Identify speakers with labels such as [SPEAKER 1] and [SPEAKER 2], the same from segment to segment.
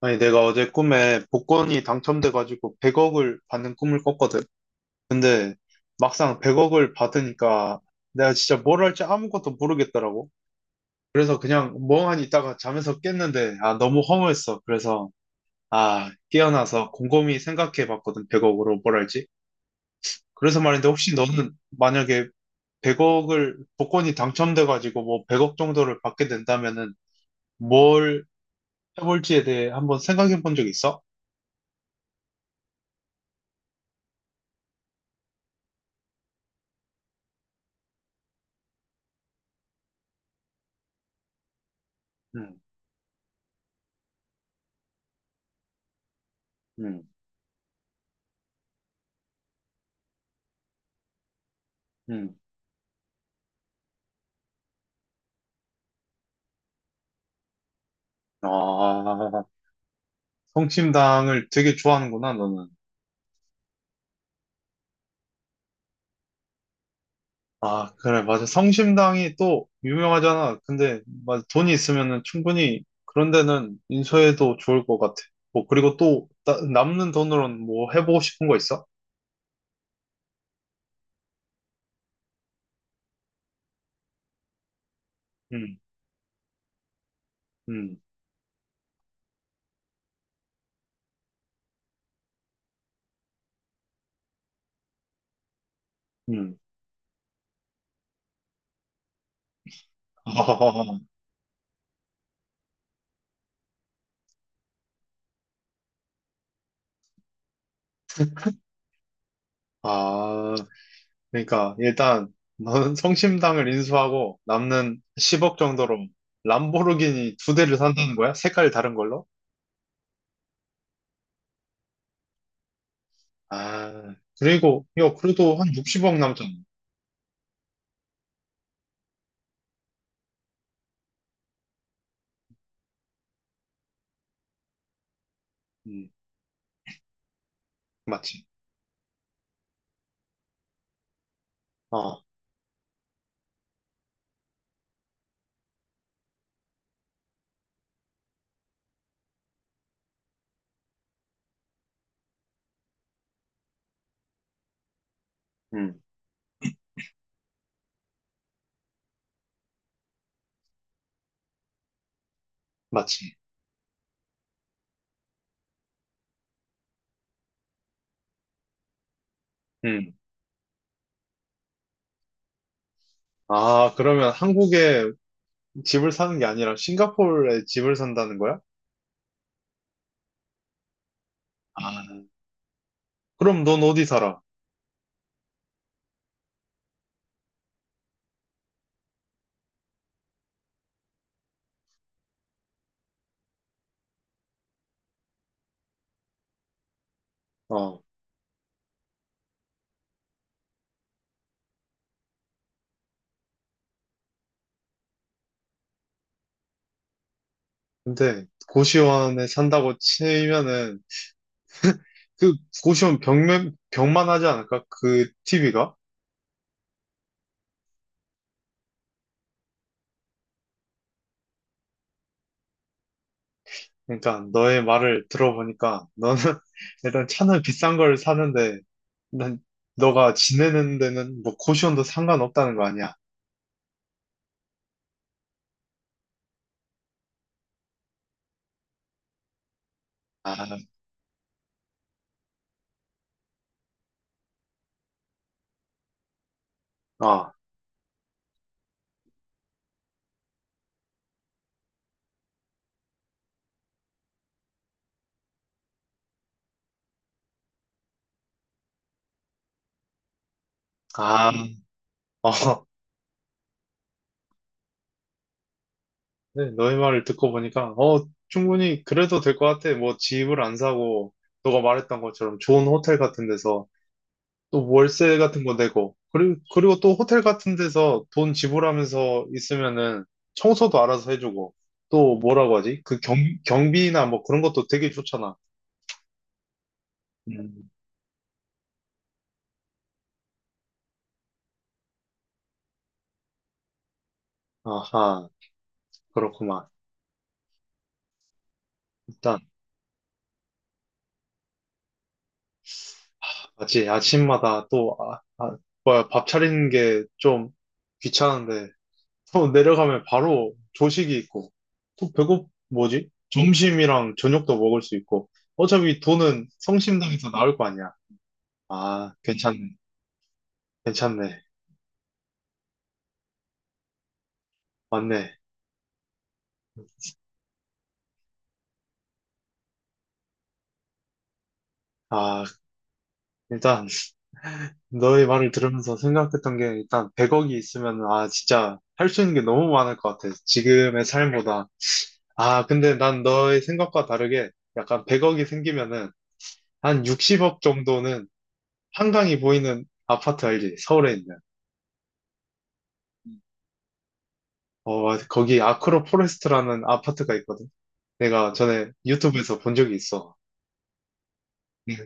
[SPEAKER 1] 아니, 내가 어제 꿈에 복권이 당첨돼가지고 100억을 받는 꿈을 꿨거든. 근데 막상 100억을 받으니까 내가 진짜 뭘 할지 아무것도 모르겠더라고. 그래서 그냥 멍하니 있다가 잠에서 깼는데, 아, 너무 허무했어. 그래서, 아, 깨어나서 곰곰이 생각해 봤거든. 100억으로 뭘 할지. 그래서 말인데, 혹시 너는 만약에 100억을, 복권이 당첨돼가지고 뭐 100억 정도를 받게 된다면은 뭘 해볼지에 대해 한번 생각해 본 적 있어? 음, 음, 음. 아, 성심당을 되게 좋아하는구나, 너는. 아, 그래, 맞아. 성심당이 또 유명하잖아. 근데, 맞아. 돈이 있으면은 충분히 그런 데는 인수해도 좋을 것 같아. 뭐, 그리고 또 남는 돈으로는 뭐 해보고 싶은 거 있어? 응, 응, 응. 아, 그러니까 일단 너는 성심당을 인수하고 남는 10억 정도로 람보르기니 두 대를 산다는 거야? 색깔 다른 걸로? 아, 그리고, 야, 그래도 한 60억 남잖아. 음, 맞지. 어, 음, 맞지. 음. 아, 그러면 한국에 집을 사는 게 아니라 싱가포르에 집을 산다는 거야? 아, 그럼 넌 어디 살아? 어, 근데 고시원에 산다고 치면은 그 고시원 벽만 하지 않을까? 그 TV가? 그러니까 너의 말을 들어보니까 너는 일단 차는 비싼 걸 사는데 난 너가 지내는 데는 뭐 고시원도 상관없다는 거 아니야? 아, 어, 아, 어. 네, 너의 말을 듣고 보니까, 어, 충분히 그래도 될 것 같아. 뭐, 집을 안 사고, 너가 말했던 것처럼 좋은 호텔 같은 데서, 또 월세 같은 거 내고, 그리고 또 호텔 같은 데서 돈 지불하면서 있으면은 청소도 알아서 해주고, 또 뭐라고 하지? 경비나 뭐 그런 것도 되게 좋잖아. 음. 아하, 그렇구만. 일단, 아침마다 또, 아, 아, 뭐야, 밥 차리는 게 좀 귀찮은데, 또 내려가면 바로 조식이 있고, 또 뭐지? 점심이랑 저녁도 먹을 수 있고, 어차피 돈은 성심당에서 나올 거 아니야. 아, 괜찮네. 괜찮네. 맞네. 아, 일단, 너의 말을 들으면서 생각했던 게, 일단, 100억이 있으면, 아, 진짜, 할 수 있는 게 너무 많을 것 같아. 지금의 삶보다. 아, 근데 난 너의 생각과 다르게, 약간 100억이 생기면은, 한 60억 정도는 한강이 보이는 아파트 알지? 서울에 있는. 어, 거기 아크로 포레스트라는 아파트가 있거든. 내가 전에 유튜브에서 본 적이 있어. 네.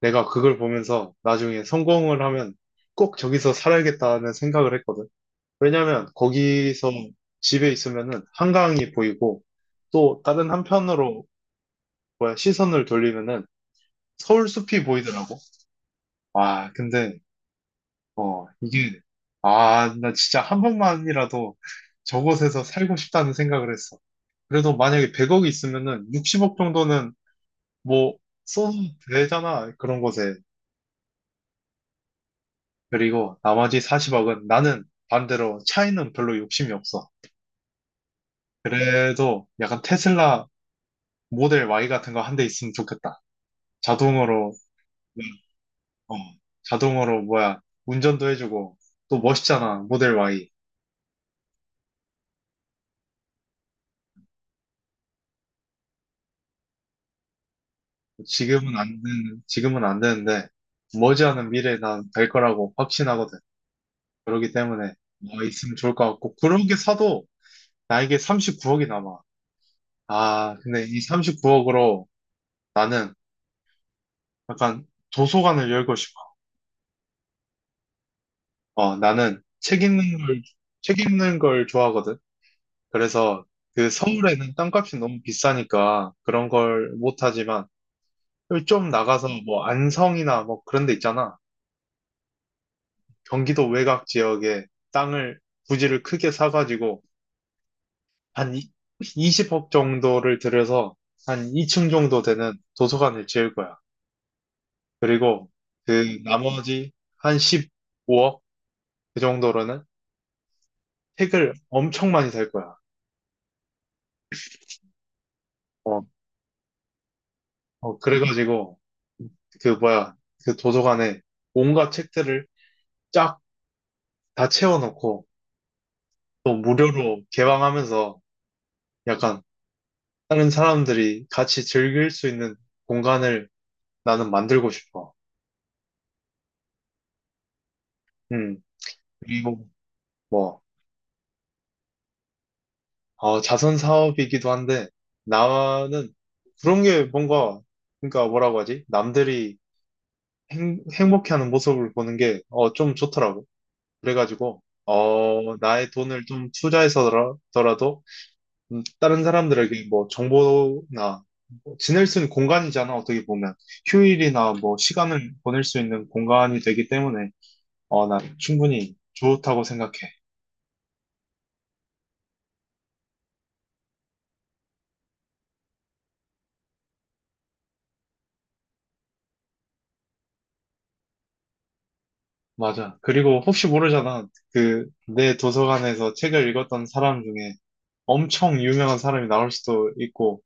[SPEAKER 1] 내가 그걸 보면서 나중에 성공을 하면 꼭 저기서 살아야겠다는 생각을 했거든. 왜냐면 거기서 집에 있으면은 한강이 보이고 또 다른 한편으로 뭐야 시선을 돌리면은 서울 숲이 보이더라고. 와, 근데 어 이게 아, 나 진짜 한 번만이라도 저곳에서 살고 싶다는 생각을 했어. 그래도 만약에 100억이 있으면은 60억 정도는 뭐 써도 되잖아. 그런 것에. 그리고 나머지 40억은 나는 반대로 차에는 별로 욕심이 없어. 그래도 약간 테슬라 모델 Y 같은 거 한 대 있으면 좋겠다. 자동으로, 어, 자동으로 뭐야, 운전도 해주고, 또 멋있잖아, 모델 Y. 지금은 안 되는데, 머지않은 미래에 난 될 거라고 확신하거든. 그렇기 때문에, 와, 있으면 좋을 것 같고, 그런 게 사도 나에게 39억이 남아. 아, 근데 이 39억으로 나는 약간 도서관을 열고 싶어. 어, 나는 책 읽는 걸 좋아하거든. 그래서 그 서울에는 땅값이 너무 비싸니까 그런 걸 못하지만 좀 나가서 뭐 안성이나 뭐 그런 데 있잖아. 경기도 외곽 지역에 땅을, 부지를 크게 사가지고 한 20억 정도를 들여서 한 2층 정도 되는 도서관을 지을 거야. 그리고 그 나머지 한 15억 그 정도로는 책을 엄청 많이 살 거야. 어, 어, 그래가지고 그 뭐야 그 도서관에 온갖 책들을 쫙 다 채워놓고 또 무료로 개방하면서 약간 다른 사람들이 같이 즐길 수 있는 공간을 나는 만들고 싶어. 음, 그리고 뭐 어, 자선 사업이기도 한데 나는 그런 게 뭔가 그러니까 뭐라고 하지? 남들이 행복해하는 모습을 보는 게, 어, 좀 좋더라고. 그래가지고, 어, 나의 돈을 좀 투자해서더라도, 다른 사람들에게 뭐 정보나, 뭐 지낼 수 있는 공간이잖아, 어떻게 보면. 휴일이나 뭐 시간을 보낼 수 있는 공간이 되기 때문에, 어, 난 충분히 좋다고 생각해. 맞아. 그리고 혹시 모르잖아. 그, 내 도서관에서 책을 읽었던 사람 중에 엄청 유명한 사람이 나올 수도 있고,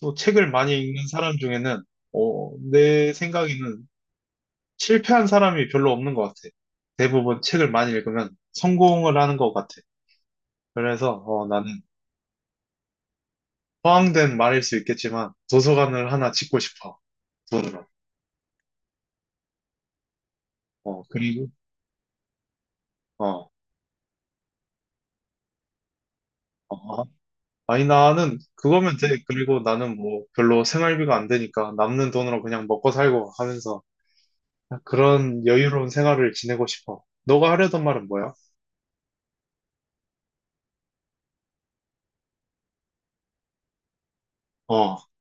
[SPEAKER 1] 또 책을 많이 읽는 사람 중에는 어, 내 생각에는 실패한 사람이 별로 없는 것 같아. 대부분 책을 많이 읽으면 성공을 하는 것 같아. 그래서 어, 나는 허황된 말일 수 있겠지만 도서관을 하나 짓고 싶어. 돈으로. 어, 그리고 어, 어. 어. 아니 나는 그거면 돼. 그리고 나는 뭐 별로 생활비가 안 되니까 남는 돈으로 그냥 먹고 살고 하면서 그런 여유로운 생활을 지내고 싶어. 너가 하려던 말은 뭐야? 어.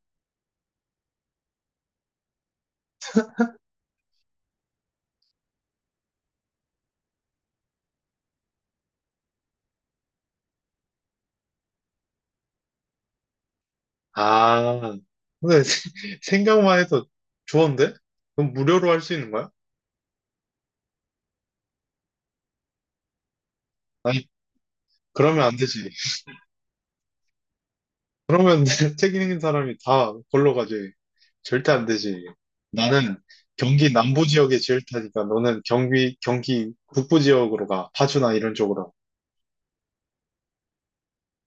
[SPEAKER 1] 아, 근데 생각만 해도 좋은데? 그럼 무료로 할 수 있는 거야? 아니, 그러면 안 되지. 그러면 책 읽는 사람이 다 걸러 가지. 절대 안 되지. 나는 경기 남부 지역에 지을 테니까 너는 경기 북부 지역으로 가. 파주나 이런 쪽으로.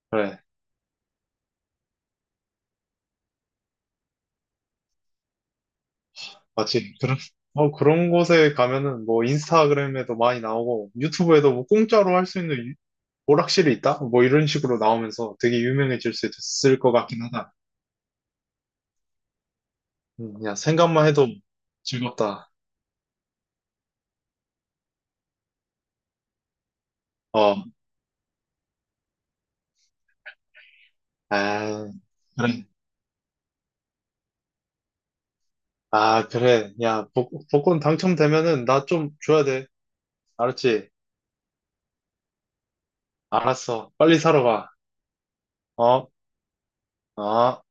[SPEAKER 1] 그래, 맞지. 그런, 어, 그런 곳에 가면은 뭐 인스타그램에도 많이 나오고 유튜브에도 뭐 공짜로 할 수 있는 오락실이 있다? 뭐 이런 식으로 나오면서 되게 유명해질 수 있을 것 같긴 하다. 그냥 생각만 해도 즐겁다. 어, 아, 그래. 아, 그래. 야, 복권 당첨되면은 나 좀 줘야 돼. 알았지? 알았어. 빨리 사러 가. 어, 어.